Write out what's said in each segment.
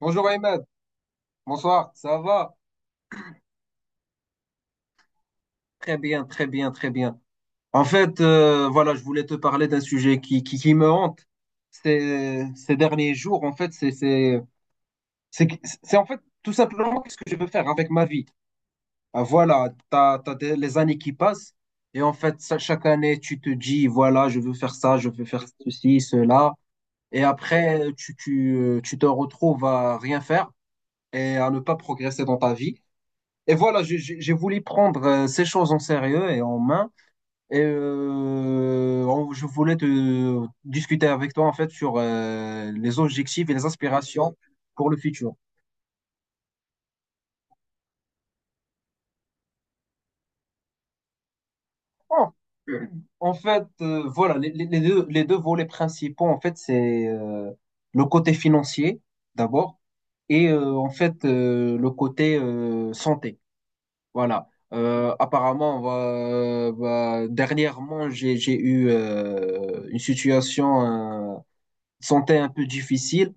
Bonjour Ahmed, bonsoir, ça va? Très bien, très bien, très bien. En fait, voilà, je voulais te parler d'un sujet qui me hante ces derniers jours. En fait, c'est, c'est en fait tout simplement ce que je veux faire avec ma vie. Ah, voilà, t'as les années qui passent et en fait, chaque année, tu te dis, voilà, je veux faire ça, je veux faire ceci, cela. Et après, tu te retrouves à rien faire et à ne pas progresser dans ta vie. Et voilà, j'ai voulu prendre ces choses en sérieux et en main. Et je voulais te discuter avec toi en fait sur les objectifs et les aspirations pour le futur. Oh, en fait, voilà, les deux volets principaux, en fait, c'est le côté financier d'abord et en fait le côté santé. Voilà. Apparemment, dernièrement, j'ai eu une situation euh, de santé un peu difficile.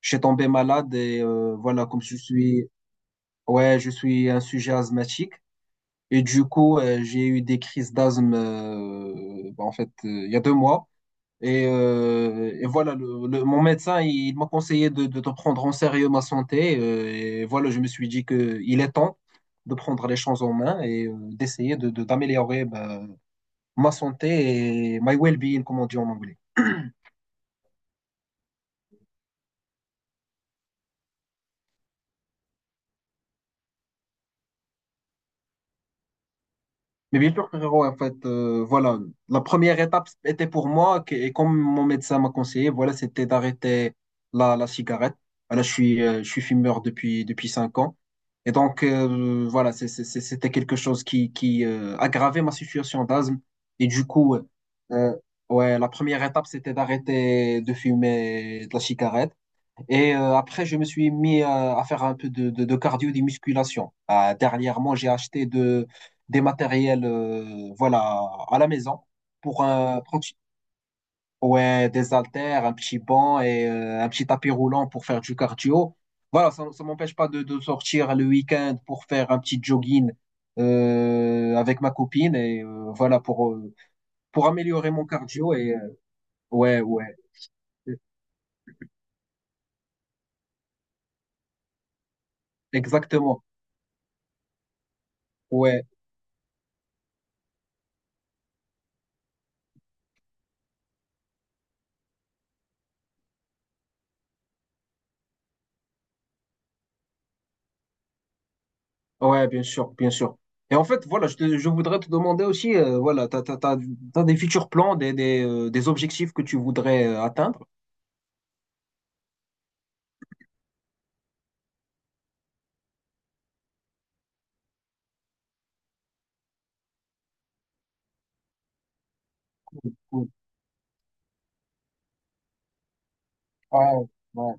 Je suis tombé malade et voilà, comme je suis, ouais, je suis un sujet asthmatique. Et du coup, j'ai eu des crises d'asthme, en fait, il y a 2 mois. Et voilà, mon médecin, il m'a conseillé de prendre en sérieux ma santé. Et voilà, je me suis dit que il est temps de prendre les choses en main et d'essayer d'améliorer ma santé et my well-being, comme on dit en anglais. Mais bien sûr, frérot, en fait, voilà, la première étape était pour moi, et comme mon médecin m'a conseillé, voilà, c'était d'arrêter la cigarette. Voilà, je suis fumeur depuis 5 ans. Et donc, voilà, c'était quelque chose qui aggravait ma situation d'asthme. Et du coup, euh, ouais, la première étape, c'était d'arrêter de fumer de la cigarette. Et après, je me suis mis à faire un peu de cardio, des musculations. Ah, dernièrement, j'ai acheté des matériels voilà, à la maison pour un, pour- ouais, des haltères, un petit banc et un petit tapis roulant pour faire du cardio. Voilà, ça ne m'empêche pas de sortir le week-end pour faire un petit jogging avec ma copine et voilà pour améliorer mon cardio. Et ouais, ouais, exactement. Ouais. Ouais, bien sûr, bien sûr. Et en fait, voilà, je voudrais te demander aussi, voilà, t'as des futurs plans, des objectifs que tu voudrais atteindre? Ou- Ouais, ouais,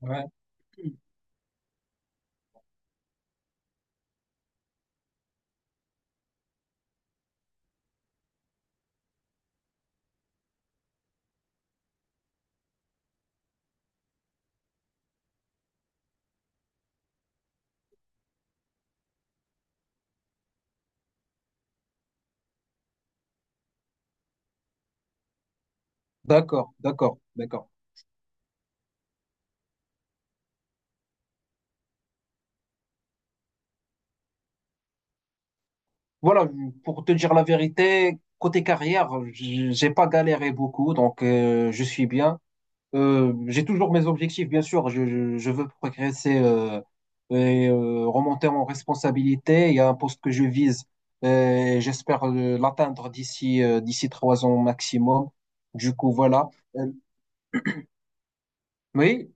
ouais. D'accord, d'accord, d'accord. Voilà, pour te dire la vérité, côté carrière, j'ai pas galéré beaucoup, donc je suis bien. J'ai toujours mes objectifs, bien sûr. Je je veux progresser et remonter en responsabilité. Il y a un poste que je vise euh, et j'espère l'atteindre d'ici 3 ans maximum. Du coup, voilà. Euh, oui,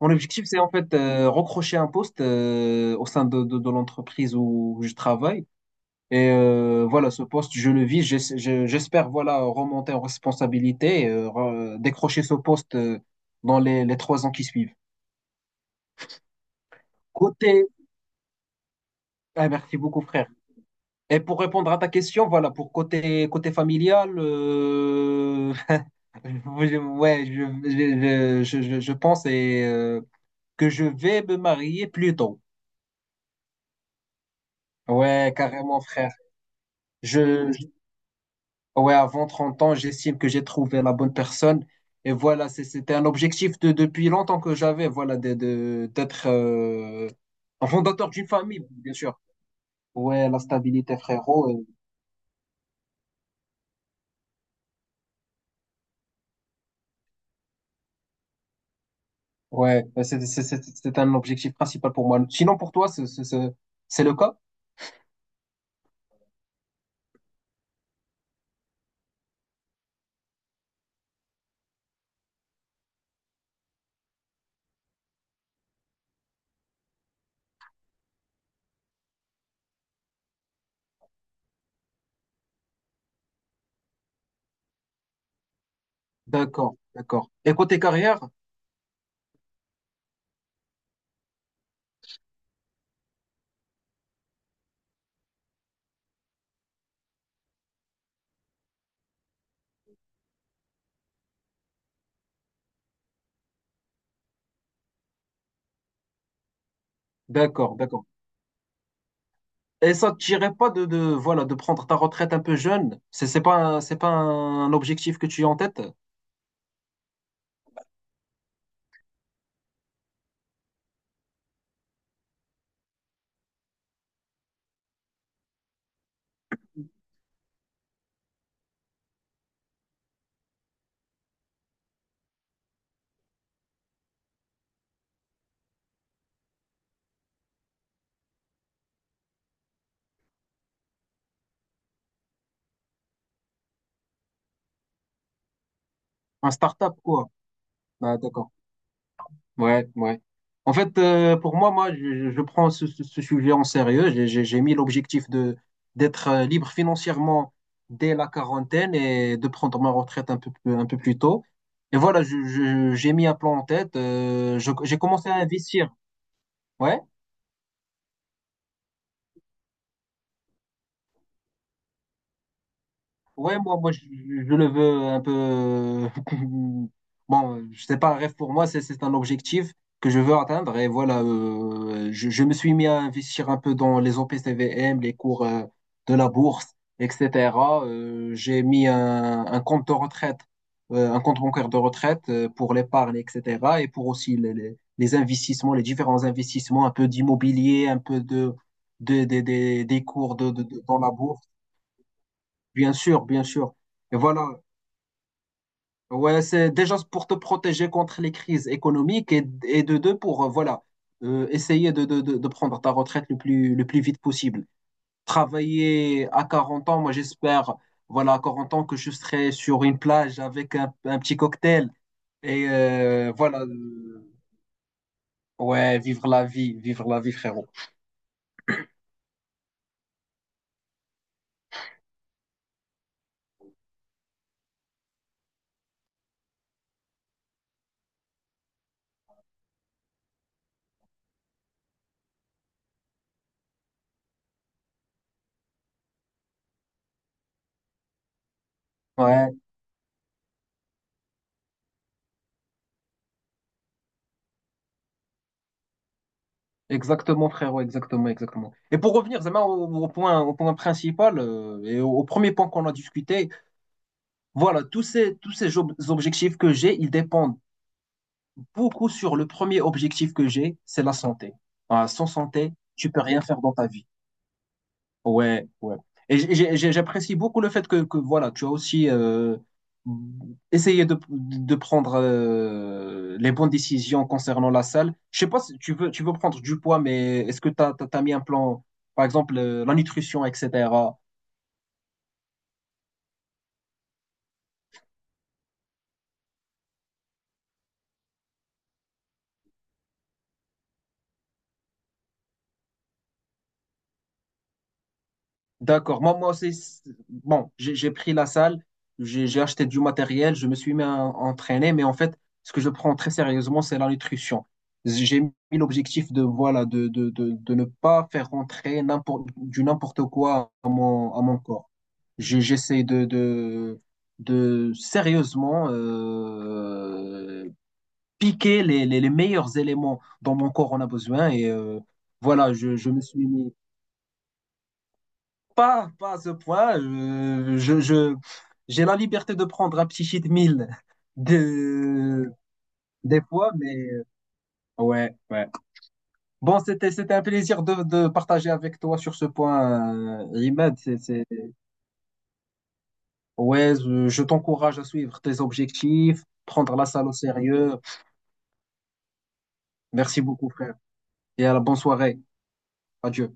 mon objectif, c'est en fait recrocher un poste au sein de l'entreprise où je travaille. Et voilà, ce poste, je le vis. J'espère voilà remonter en responsabilité, et, décrocher ce poste dans les 3 ans qui suivent. Côté Ah, merci beaucoup, frère. Et pour répondre à ta question, voilà, pour côté, côté familial, ouais, je pense que je vais me marier plus tôt. Ouais, carrément, frère. Je, je- ouais, avant 30 ans, j'estime que j'ai trouvé la bonne personne. Et voilà, c'était un objectif de, depuis longtemps que j'avais, voilà, d'être un fondateur d'une famille, bien sûr. Ouais, la stabilité, frérot. Ouais, bah, c'est un objectif principal pour moi. Sinon, pour toi, c'est le cas? D'accord, d'accord. Et côté carrière? D'accord, d'accord. Et ça ne tirait pas voilà, de prendre ta retraite un peu jeune. C'est pas, c'est pas un objectif que tu as en tête? Un start-up, quoi. Ah, d'accord. Ouais, ouais. En fait, pour moi, je prends ce sujet en sérieux. J'ai mis l'objectif de d'être libre financièrement dès la quarantaine et de prendre ma retraite un peu plus tôt. Et voilà, j'ai mis un plan en tête. J'ai commencé à investir. Ouais. Ouais, moi, je le veux un peu. Bon, je sais pas, un rêve pour moi, c'est un objectif que je veux atteindre. Et voilà, je me suis mis à investir un peu dans les OPCVM, les cours de la bourse, etc. J'ai mis un compte de retraite, un compte bancaire de retraite pour l'épargne, etc. Et pour aussi les investissements, les différents investissements, un peu d'immobilier, un peu des cours dans la bourse. Bien sûr, bien sûr. Et voilà. Ouais, c'est déjà pour te protéger contre les crises économiques et de deux pour voilà essayer de prendre ta retraite le plus vite possible. Travailler à 40 ans, moi j'espère, voilà, à 40 ans que je serai sur une plage avec un petit cocktail et voilà. Ouais, vivre la vie, frérot. Ouais, exactement, frérot, exactement, exactement. Et pour revenir, Zama, au point principal et au premier point qu'on a discuté, voilà, tous ces objectifs que j'ai, ils dépendent beaucoup sur le premier objectif que j'ai, c'est la santé. Ah, sans santé, tu peux rien faire dans ta vie. Ouais, ouais. Et j'apprécie beaucoup le fait que voilà, tu as aussi essayé de prendre les bonnes décisions concernant la salle. Je sais pas si tu veux prendre du poids, mais est-ce que tu as mis un plan, par exemple, la nutrition, etc. D'accord. Moi, moi aussi, bon, j'ai pris la salle, j'ai acheté du matériel, je me suis mis à entraîner, mais en fait, ce que je prends très sérieusement, c'est la nutrition. J'ai mis l'objectif de, voilà, de ne pas faire rentrer n'importe, du n'importe quoi à mon corps. J'essaie de sérieusement piquer les meilleurs éléments dont mon corps en a besoin. Et voilà, je me suis mis. Pas, pas à ce point. J'ai la liberté de prendre un petit cheat meal de, des fois, mais ouais, ouais. Bon, c'était un plaisir de partager avec toi sur ce point, Imad. Ouais, je t'encourage à suivre tes objectifs, prendre la salle au sérieux. Merci beaucoup, frère. Et à la bonne soirée. Adieu.